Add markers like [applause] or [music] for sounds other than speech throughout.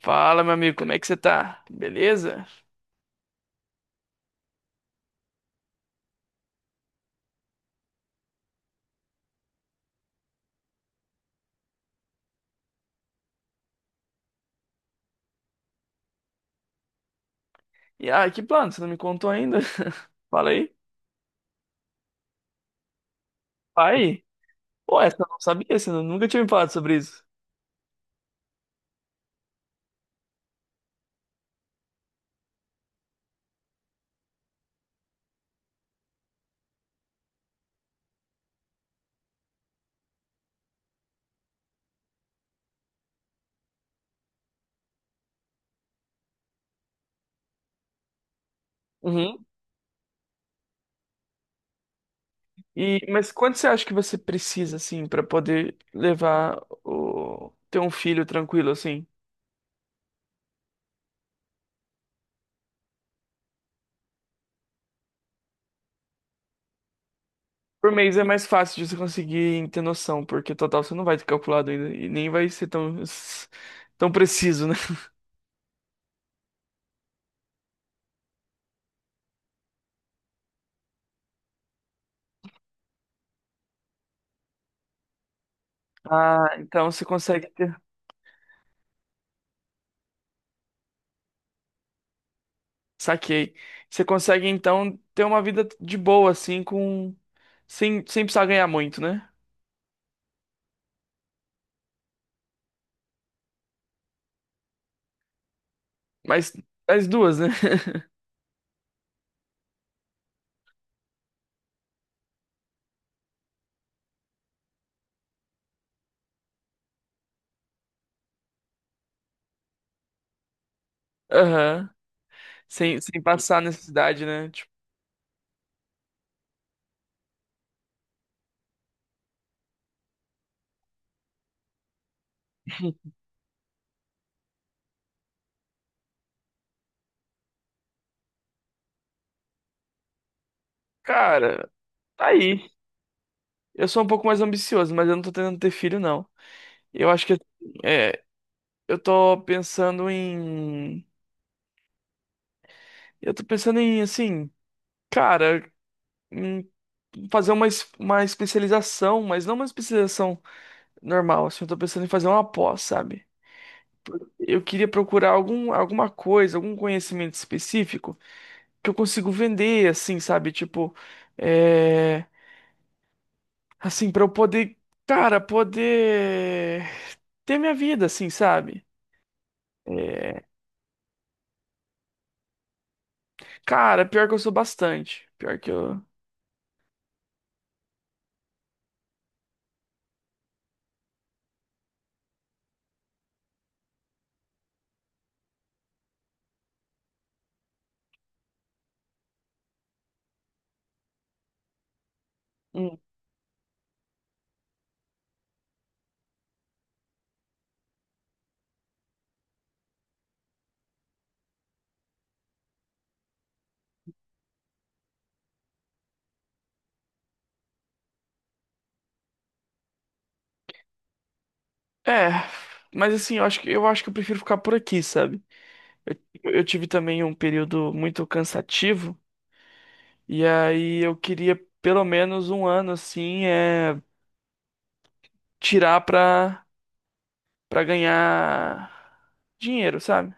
Fala, meu amigo, como é que você tá? Beleza? E que plano? Você não me contou ainda? [laughs] Fala aí. Pai? Pô, essa eu não sabia, você nunca tinha me falado sobre isso. Uhum. E, mas quanto você acha que você precisa, assim, pra poder levar ter um filho tranquilo, assim? Por mês é mais fácil de você conseguir ter noção, porque total você não vai ter calculado ainda e nem vai ser tão, [laughs] tão preciso, né? Ah, então você consegue. Saquei. Você consegue então ter uma vida de boa, assim, com. Sem precisar ganhar muito, né? Mas as duas, né? [laughs] Aham. Sem passar necessidade, né? Tipo, cara, tá aí. Eu sou um pouco mais ambicioso, mas eu não tô tentando ter filho, não. Eu acho que, é, eu tô pensando em. Eu tô pensando em, assim, cara, em fazer uma especialização, mas não uma especialização normal, assim. Eu tô pensando em fazer uma pós, sabe? Eu queria procurar algum, alguma coisa, algum conhecimento específico que eu consigo vender, assim, sabe? Tipo, é... assim, pra eu poder, cara, poder ter minha vida, assim, sabe? É, cara, pior que eu sou bastante. Pior que eu. Hum. É, mas assim, eu acho que eu prefiro ficar por aqui, sabe? Eu tive também um período muito cansativo, e aí eu queria pelo menos um ano assim, tirar pra. Pra ganhar dinheiro, sabe?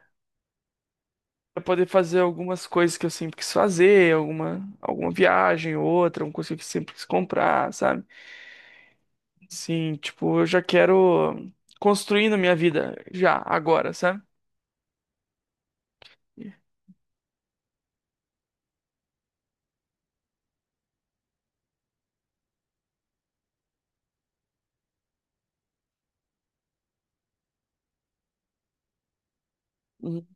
Pra poder fazer algumas coisas que eu sempre quis fazer, alguma viagem ou outra, alguma coisa que eu sempre quis comprar, sabe? Sim, tipo, eu já quero construindo minha vida já, agora, sabe? Uhum.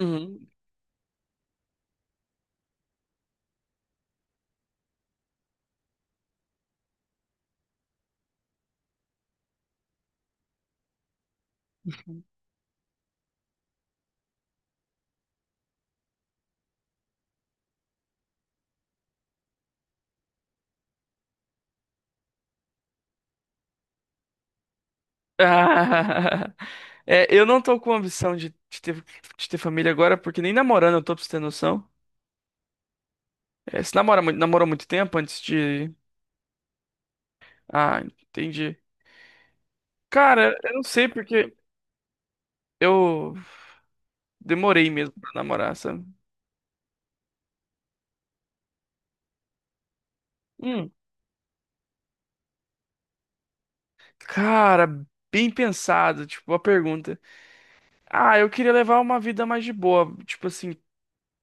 Uhum. Ah, [laughs] eu não tô com ambição de ter família agora, porque nem namorando eu tô pra você ter noção. É, você namora, namorou muito tempo antes de. Ah, entendi. Cara, eu não sei porque eu demorei mesmo pra namorar, sabe? Hum, cara, bem pensado, tipo, a pergunta. Ah, eu queria levar uma vida mais de boa, tipo assim,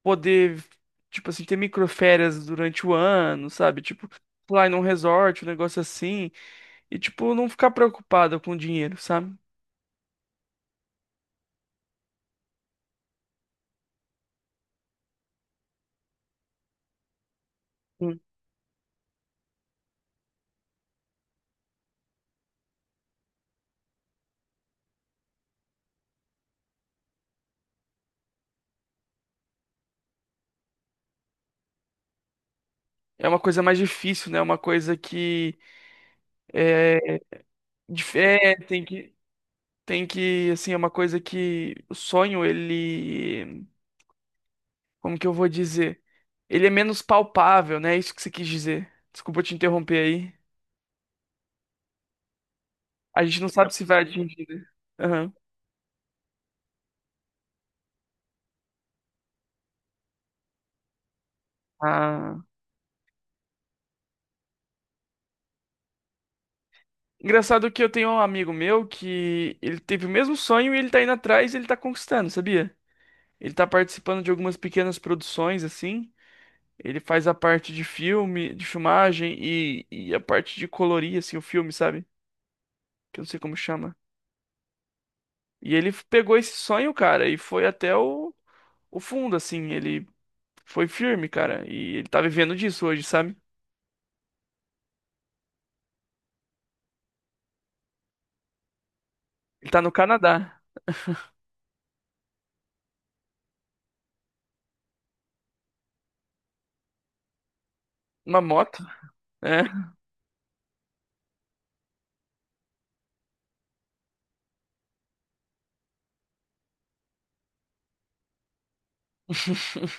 poder, tipo assim, ter microférias durante o ano, sabe? Tipo, pular em um resort, um negócio assim. E, tipo, não ficar preocupado com o dinheiro, sabe? Sim. É uma coisa mais difícil, né? É uma coisa que é, dif- é, tem que tem que assim, é uma coisa que o sonho ele, como que eu vou dizer? Ele é menos palpável, né? É isso que você quis dizer. Desculpa te interromper aí. A gente não sabe se vai atingir, né? Aham. Ah. Engraçado que eu tenho um amigo meu que ele teve o mesmo sonho e ele tá indo atrás e ele tá conquistando, sabia? Ele tá participando de algumas pequenas produções assim. Ele faz a parte de filme, de filmagem e a parte de colorir, assim, o filme, sabe? Que eu não sei como chama. E ele pegou esse sonho, cara, e foi até o fundo, assim. Ele foi firme, cara. E ele tá vivendo disso hoje, sabe? Ele tá no Canadá. Uma moto, né? [laughs]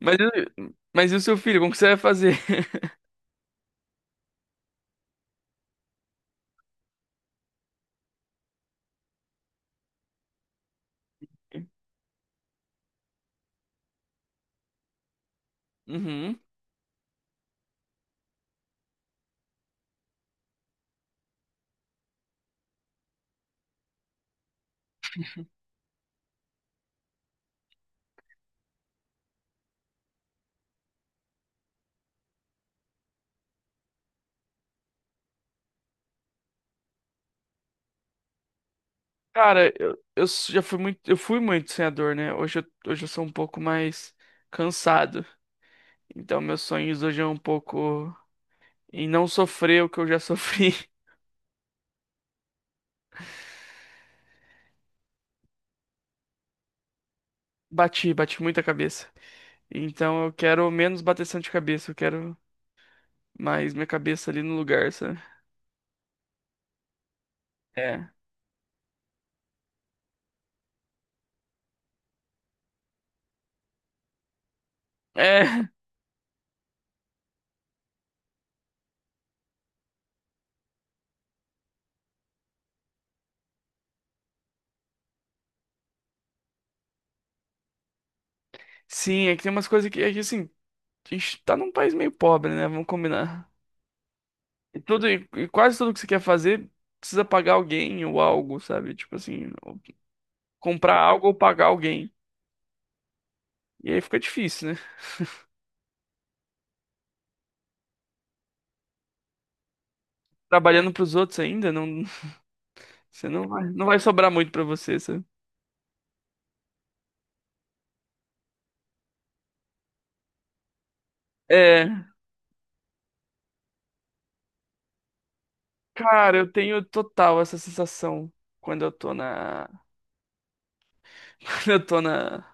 Mas, e- mas e o seu filho? Como que você vai fazer? [laughs] Uhum. Cara, eu fui muito sonhador, né? Hoje eu sou um pouco mais cansado. Então meus sonhos hoje é um pouco. E não sofrer o que eu já sofri. [laughs] Bati, bati muita cabeça. Então eu quero menos bateção de cabeça, eu quero mais minha cabeça ali no lugar, sabe? É. É, [laughs] sim, é que tem umas coisas que, é que assim, a gente tá num país meio pobre, né? Vamos combinar. E tudo, e quase tudo que você quer fazer precisa pagar alguém ou algo, sabe? Tipo assim, ou comprar algo ou pagar alguém. E aí fica difícil, né? Trabalhando pros outros ainda, não, [laughs] você não vai, sobrar muito pra você, sabe? É. Cara, eu tenho total essa sensação quando eu tô na. [laughs] Quando eu tô na...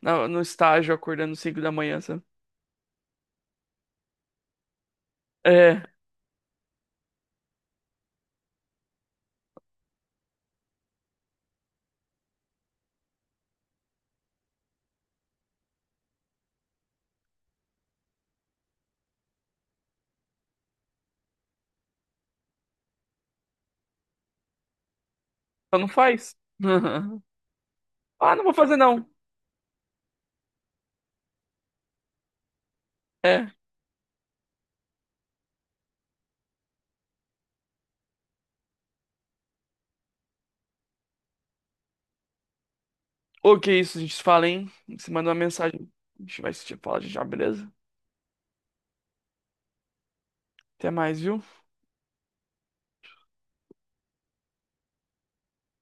na- no estágio acordando 5 da manhã, sabe? É, só não faz. [laughs] Ah, não vou fazer não. É. Ok, isso, a gente se fala, hein? Você manda uma mensagem. A gente vai se falar já, beleza? Até mais, viu?